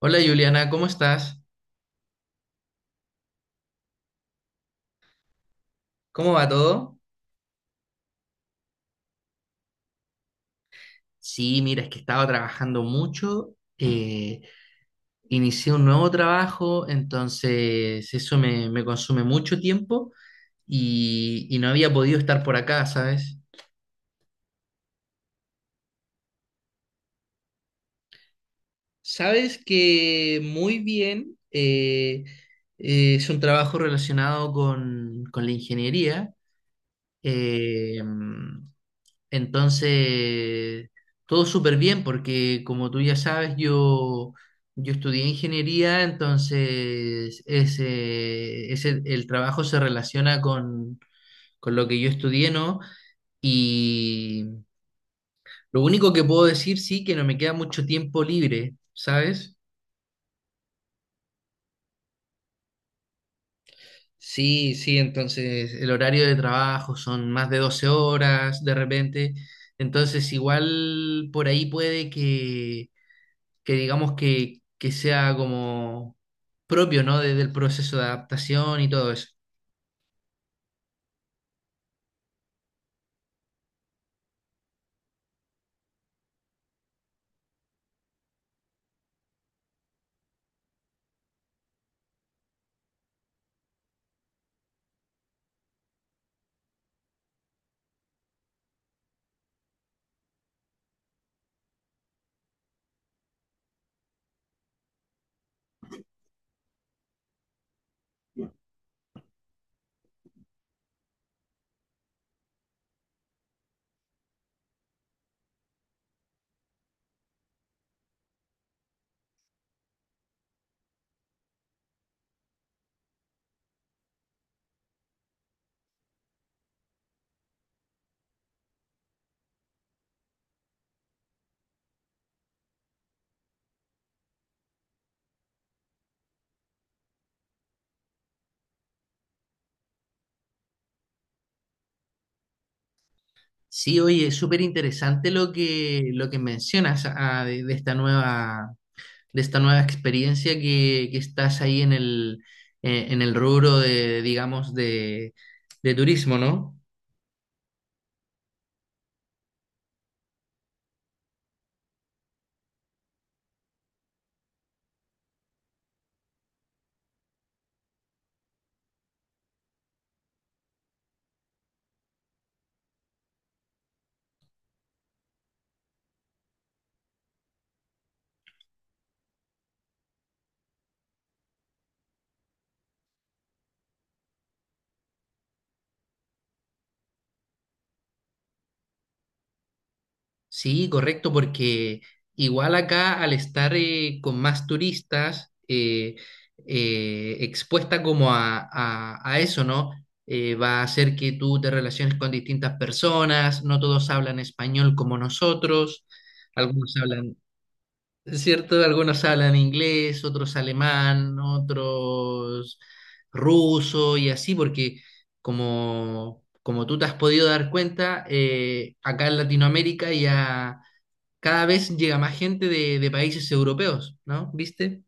Hola Juliana, ¿cómo estás? ¿Cómo va todo? Sí, mira, es que estaba trabajando mucho, inicié un nuevo trabajo, entonces eso me consume mucho tiempo y no había podido estar por acá, ¿sabes? Sabes que muy bien, es un trabajo relacionado con la ingeniería. eh, Entonces, todo súper bien porque como tú ya sabes, yo estudié ingeniería, entonces el trabajo se relaciona con lo que yo estudié, ¿no? Y lo único que puedo decir, sí, que no me queda mucho tiempo libre, ¿sabes? Sí, sí, entonces el horario de trabajo son más de 12 horas de repente, entonces igual por ahí puede que que sea como propio, ¿no? Desde el proceso de adaptación y todo eso. Sí, oye, es súper interesante lo que mencionas ah, de esta nueva experiencia que estás ahí en el rubro de, digamos, de turismo, ¿no? Sí, correcto, porque igual acá al estar con más turistas, expuesta como a, a eso, ¿no? Va a hacer que tú te relaciones con distintas personas, no todos hablan español como nosotros, algunos hablan, ¿cierto? Algunos hablan inglés, otros alemán, otros ruso y así, porque como tú te has podido dar cuenta, acá en Latinoamérica ya cada vez llega más gente de países europeos, ¿no? ¿Viste?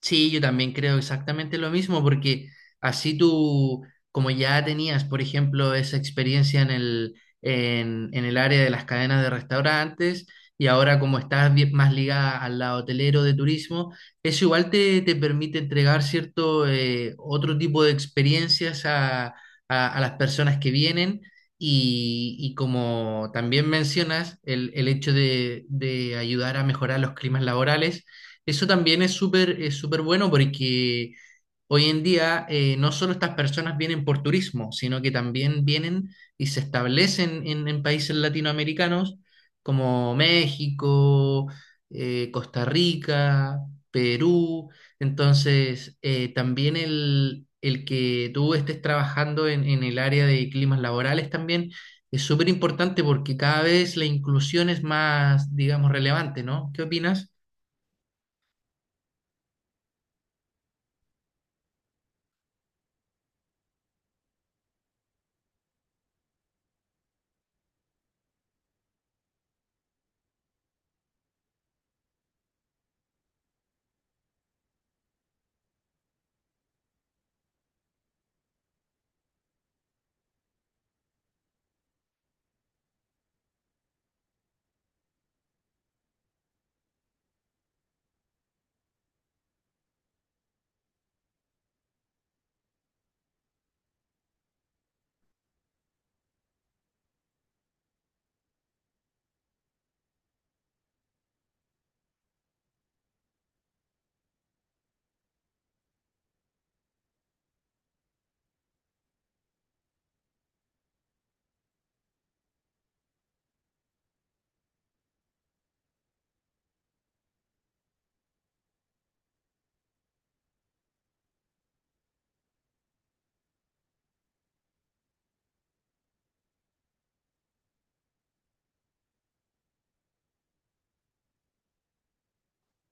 Sí, yo también creo exactamente lo mismo, porque así tú, como ya tenías, por ejemplo, esa experiencia en el, en el área de las cadenas de restaurantes, y ahora como estás más ligada al lado hotelero de turismo, eso igual te permite entregar cierto otro tipo de experiencias a, a las personas que vienen. Y como también mencionas, el hecho de ayudar a mejorar los climas laborales, eso también es súper bueno porque hoy en día no solo estas personas vienen por turismo, sino que también vienen y se establecen en países latinoamericanos como México, Costa Rica, Perú. Entonces, también el que tú estés trabajando en el área de climas laborales también es súper importante porque cada vez la inclusión es más, digamos, relevante, ¿no? ¿Qué opinas?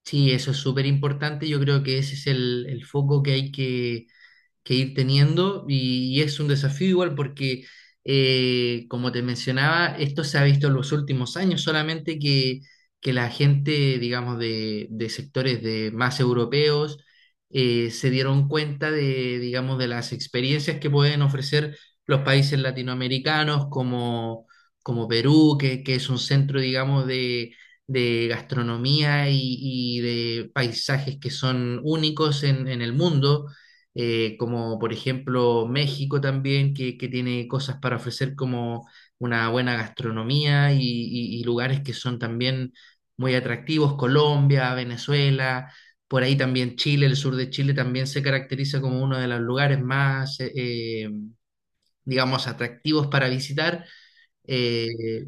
Sí, eso es súper importante. Yo creo que ese es el foco que hay que ir teniendo y es un desafío igual porque, como te mencionaba, esto se ha visto en los últimos años, solamente que la gente, digamos, de sectores de más europeos, se dieron cuenta de, digamos, de las experiencias que pueden ofrecer los países latinoamericanos como, como Perú, que es un centro, digamos, de gastronomía y de paisajes que son únicos en el mundo, como por ejemplo México también, que tiene cosas para ofrecer como una buena gastronomía y, y lugares que son también muy atractivos, Colombia, Venezuela, por ahí también Chile, el sur de Chile también se caracteriza como uno de los lugares más, digamos, atractivos para visitar. Eh,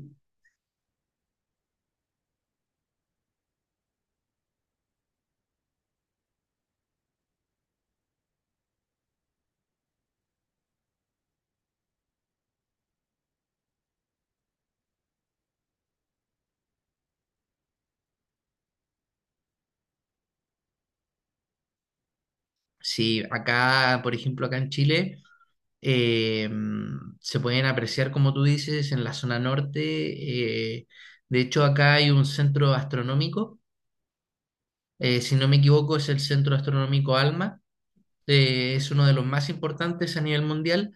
sí, acá, por ejemplo, acá en Chile. eh, Se pueden apreciar, como tú dices, en la zona norte. De hecho, acá hay un centro astronómico, si no me equivoco, es el Centro Astronómico ALMA, es uno de los más importantes a nivel mundial,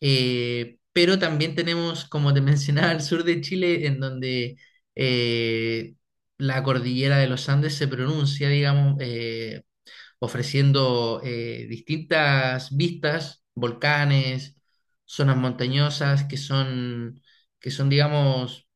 pero también tenemos, como te mencionaba, el sur de Chile, en donde eh, la cordillera de los Andes se pronuncia, digamos, ofreciendo distintas vistas, volcanes, zonas montañosas que son, digamos,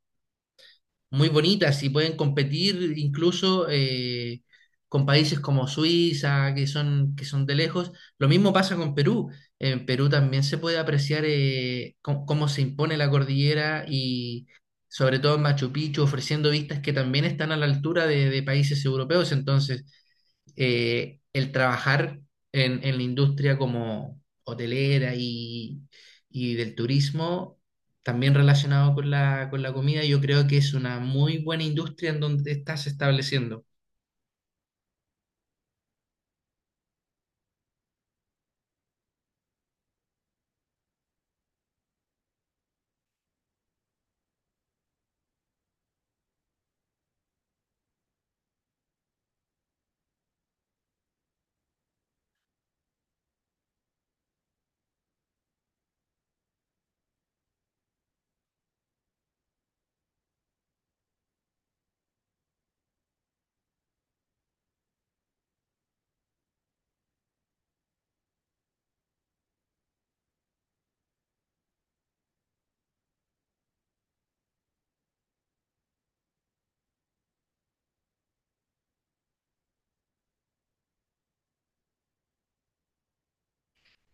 muy bonitas y pueden competir incluso con países como Suiza, que son de lejos. Lo mismo pasa con Perú. En Perú también se puede apreciar cómo, cómo se impone la cordillera y sobre todo en Machu Picchu, ofreciendo vistas que también están a la altura de países europeos. Entonces, el trabajar en la industria como hotelera y del turismo, también relacionado con la comida, yo creo que es una muy buena industria en donde te estás estableciendo.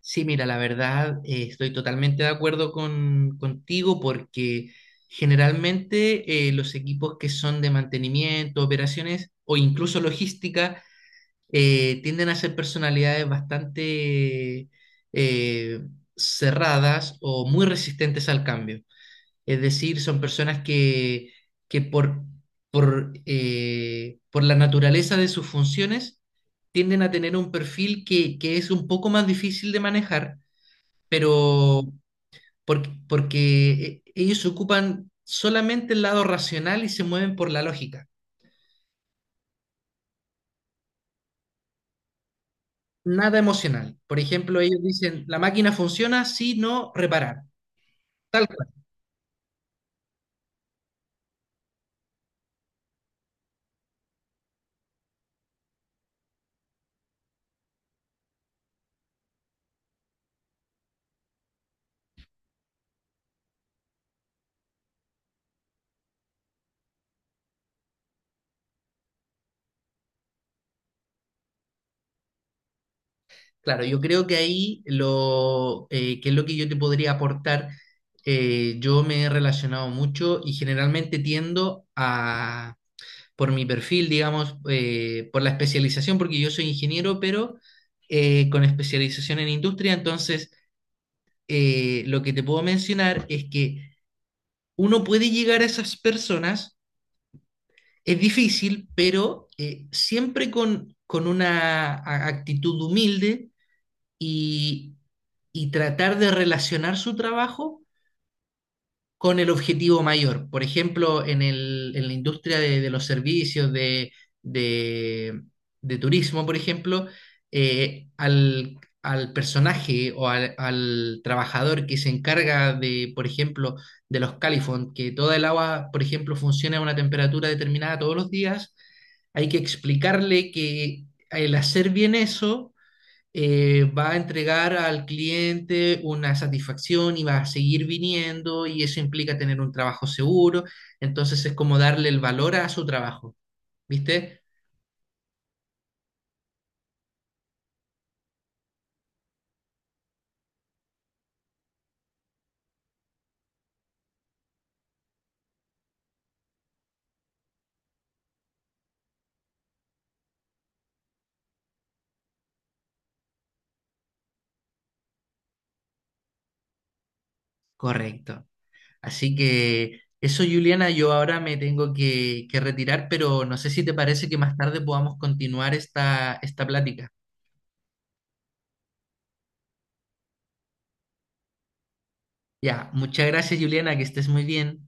Sí, mira, la verdad, estoy totalmente de acuerdo con, contigo porque generalmente los equipos que son de mantenimiento, operaciones o incluso logística, tienden a ser personalidades bastante eh, cerradas o muy resistentes al cambio. Es decir, son personas que por, por la naturaleza de sus funciones tienden a tener un perfil que es un poco más difícil de manejar, pero porque, porque ellos ocupan solamente el lado racional y se mueven por la lógica. Nada emocional. Por ejemplo, ellos dicen, la máquina funciona si no reparar. Tal cual. Claro, yo creo que ahí lo que es lo que yo te podría aportar, yo me he relacionado mucho y generalmente tiendo a, por mi perfil, digamos, por la especialización, porque yo soy ingeniero, pero con especialización en industria, entonces lo que te puedo mencionar es que uno puede llegar a esas personas. Es difícil, pero siempre con una actitud humilde y, y tratar de relacionar su trabajo con el objetivo mayor. Por ejemplo, en en la industria de los servicios de, de- de turismo, por ejemplo, al, al personaje o al, al trabajador que se encarga de, por ejemplo, de los califón, que toda el agua, por ejemplo, funcione a una temperatura determinada todos los días, hay que explicarle que el hacer bien eso va a entregar al cliente una satisfacción y va a seguir viniendo y eso implica tener un trabajo seguro. Entonces es como darle el valor a su trabajo, ¿viste? Correcto. Así que eso, Juliana, yo ahora me tengo que retirar, pero no sé si te parece que más tarde podamos continuar esta, esta plática. Ya, muchas gracias, Juliana, que estés muy bien.